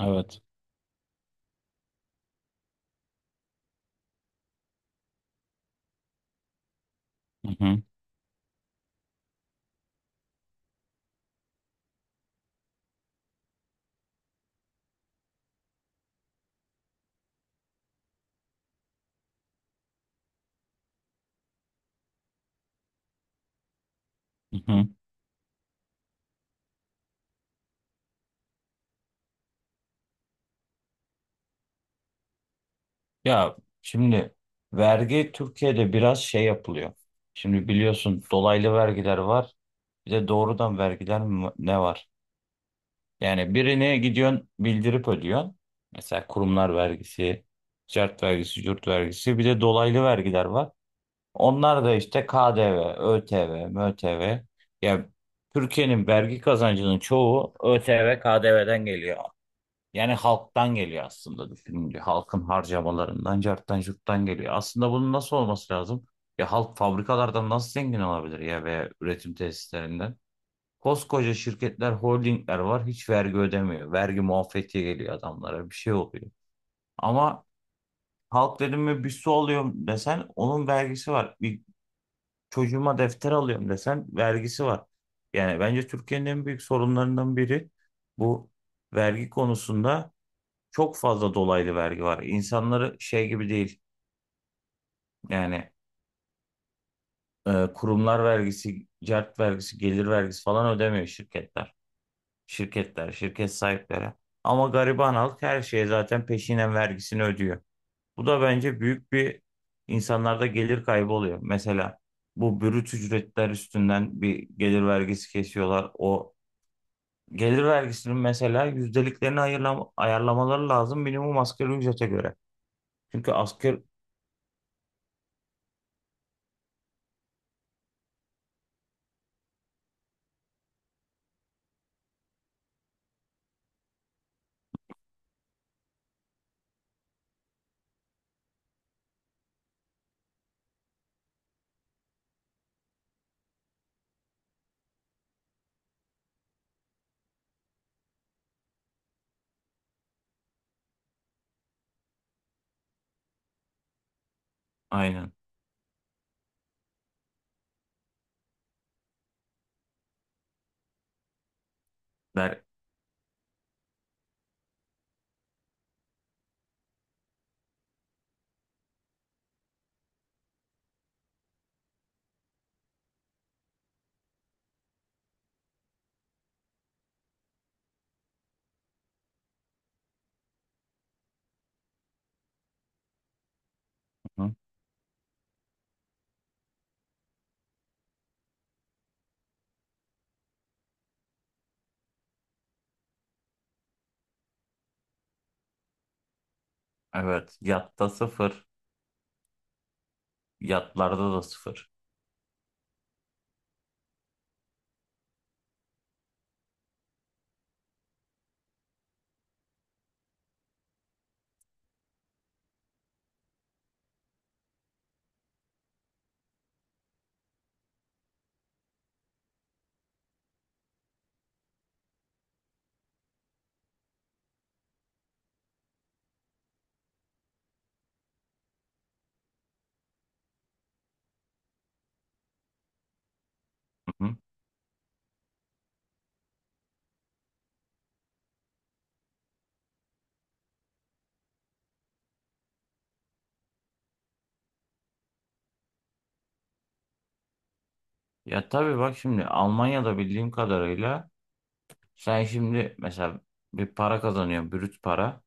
Evet. Hı hı, hı hı. Ya şimdi vergi Türkiye'de biraz şey yapılıyor. Şimdi biliyorsun dolaylı vergiler var. Bir de doğrudan vergiler ne var? Yani birine gidiyorsun bildirip ödüyorsun. Mesela kurumlar vergisi, ticaret vergisi, yurt vergisi. Bir de dolaylı vergiler var. Onlar da işte KDV, ÖTV, MÖTV. Ya Türkiye'nin vergi kazancının çoğu ÖTV, KDV'den geliyor. Yani halktan geliyor aslında düşününce. Halkın harcamalarından, carttan curttan geliyor. Aslında bunun nasıl olması lazım? Ya halk fabrikalardan nasıl zengin olabilir ya veya üretim tesislerinden? Koskoca şirketler, holdingler var. Hiç vergi ödemiyor. Vergi muafiyeti geliyor adamlara. Bir şey oluyor. Ama halk dedim mi bir su alıyorum desen onun vergisi var. Bir çocuğuma defter alıyorum desen vergisi var. Yani bence Türkiye'nin en büyük sorunlarından biri bu vergi konusunda çok fazla dolaylı vergi var. İnsanları şey gibi değil yani kurumlar vergisi, cert vergisi, gelir vergisi falan ödemiyor şirketler. Şirketler, şirket sahipleri. Ama gariban halk her şeye zaten peşinen vergisini ödüyor. Bu da bence büyük bir insanlarda gelir kaybı oluyor. Mesela bu brüt ücretler üstünden bir gelir vergisi kesiyorlar. O gelir vergisinin mesela yüzdeliklerini ayarlamaları lazım minimum asgari ücrete göre. Çünkü asgari aynen. Der, hı? Evet. Yatta sıfır. Yatlarda da sıfır. Hı hı. Ya tabii bak şimdi Almanya'da bildiğim kadarıyla sen şimdi mesela bir para kazanıyorsun. Brüt para.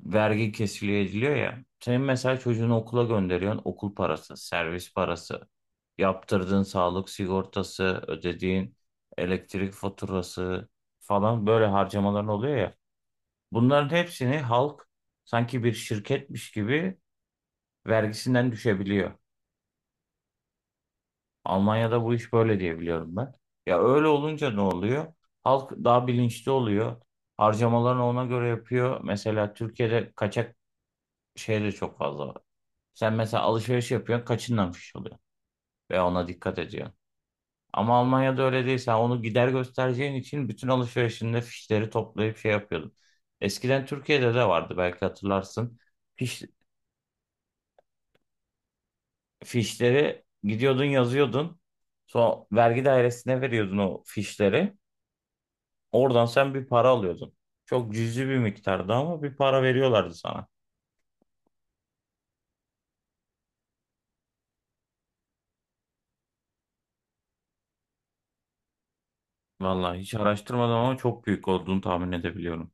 Vergi kesiliyor ediliyor ya. Senin mesela çocuğunu okula gönderiyorsun. Okul parası, servis parası, yaptırdığın sağlık sigortası, ödediğin elektrik faturası falan böyle harcamaların oluyor ya. Bunların hepsini halk sanki bir şirketmiş gibi vergisinden düşebiliyor. Almanya'da bu iş böyle diye biliyorum ben. Ya öyle olunca ne oluyor? Halk daha bilinçli oluyor. Harcamalarını ona göre yapıyor. Mesela Türkiye'de kaçak şey de çok fazla var. Sen mesela alışveriş yapıyorsun, kaçınlamış oluyor ve ona dikkat ediyorsun. Ama Almanya'da öyle değil. Sen onu gider göstereceğin için bütün alışverişinde fişleri toplayıp şey yapıyordun. Eskiden Türkiye'de de vardı belki hatırlarsın. Fiş, fişleri gidiyordun yazıyordun. Sonra vergi dairesine veriyordun o fişleri. Oradan sen bir para alıyordun. Çok cüzi bir miktardı ama bir para veriyorlardı sana. Vallahi hiç araştırmadım ama çok büyük olduğunu tahmin edebiliyorum.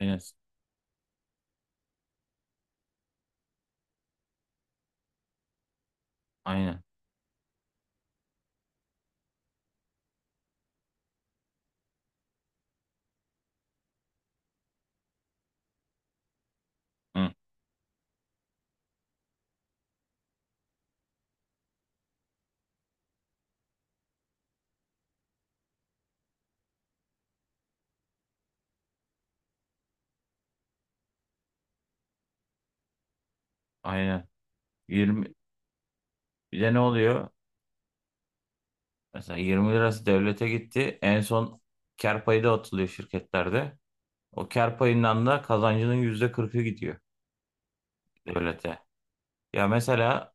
Aynen. Aynen. Hı, aynen. 20 Bir de ne oluyor? Mesela 20 lirası devlete gitti. En son kar payı da atılıyor şirketlerde. O kar payından da kazancının %40'ı gidiyor devlete. Ya mesela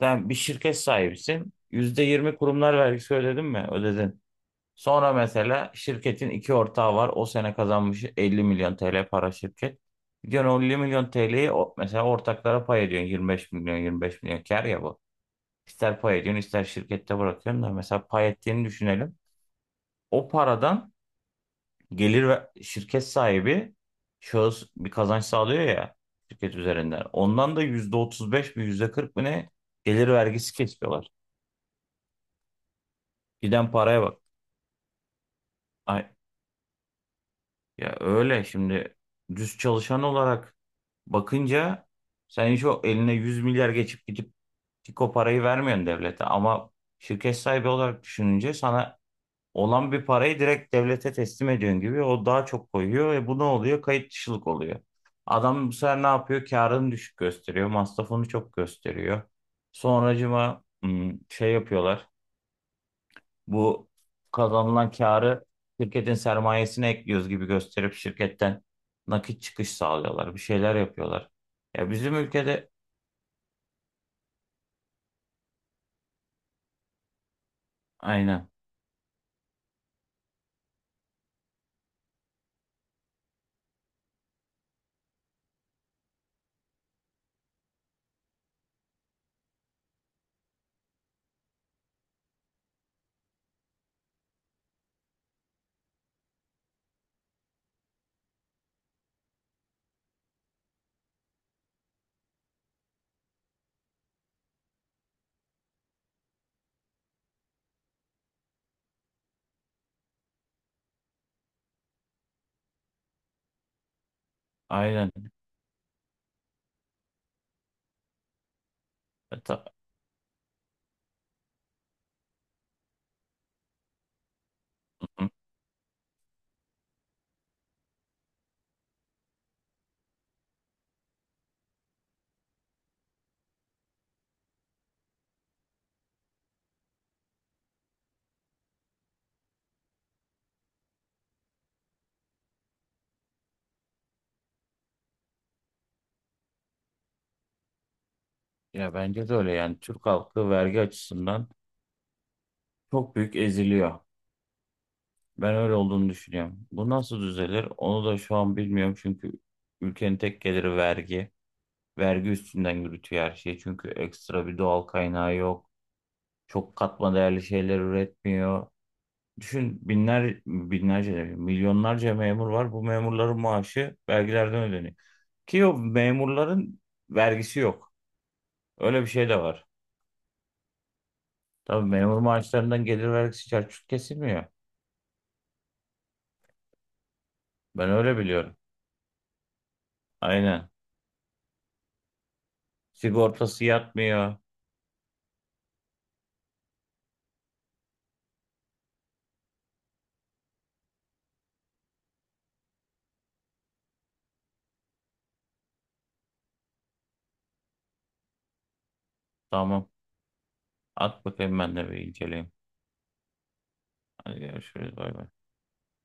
sen bir şirket sahibisin. %20 kurumlar vergisi ödedin mi? Ödedin. Sonra mesela şirketin iki ortağı var. O sene kazanmış 50 milyon TL para şirket. Gidiyorsun o 50 milyon TL'yi mesela ortaklara pay ediyorsun. 25 milyon 25 milyon kar ya bu. İster pay ediyorsun ister şirkette bırakıyorsun da mesela pay ettiğini düşünelim. O paradan gelir ve şirket sahibi şahıs bir kazanç sağlıyor ya şirket üzerinden. Ondan da %35 mi %40 mı ne gelir vergisi kesiyorlar. Giden paraya bak. Ya öyle şimdi düz çalışan olarak bakınca sen hiç o eline 100 milyar geçip gidip tik o parayı vermiyorsun devlete ama şirket sahibi olarak düşününce sana olan bir parayı direkt devlete teslim ediyorsun gibi o daha çok koyuyor ve bu ne oluyor? Kayıt dışılık oluyor. Adam bu sefer ne yapıyor? Karını düşük gösteriyor, masrafını çok gösteriyor. Sonracıma şey yapıyorlar. Bu kazanılan karı şirketin sermayesine ekliyoruz gibi gösterip şirketten nakit çıkış sağlıyorlar. Bir şeyler yapıyorlar. Ya bizim ülkede aynen aynen E ta- ya bence de öyle yani Türk halkı vergi açısından çok büyük eziliyor. Ben öyle olduğunu düşünüyorum. Bu nasıl düzelir? Onu da şu an bilmiyorum çünkü ülkenin tek geliri vergi. Vergi üstünden yürütüyor her şeyi. Çünkü ekstra bir doğal kaynağı yok. Çok katma değerli şeyler üretmiyor. Düşün binler, binlerce, demeyeyim, milyonlarca memur var. Bu memurların maaşı vergilerden ödeniyor. Ki o memurların vergisi yok. Öyle bir şey de var. Tabii memur maaşlarından gelir vergisi çarçur kesilmiyor. Ben öyle biliyorum. Aynen. Sigortası yatmıyor. Tamam. At bakayım ben de bir inceleyeyim. Hadi görüşürüz. Bay bay.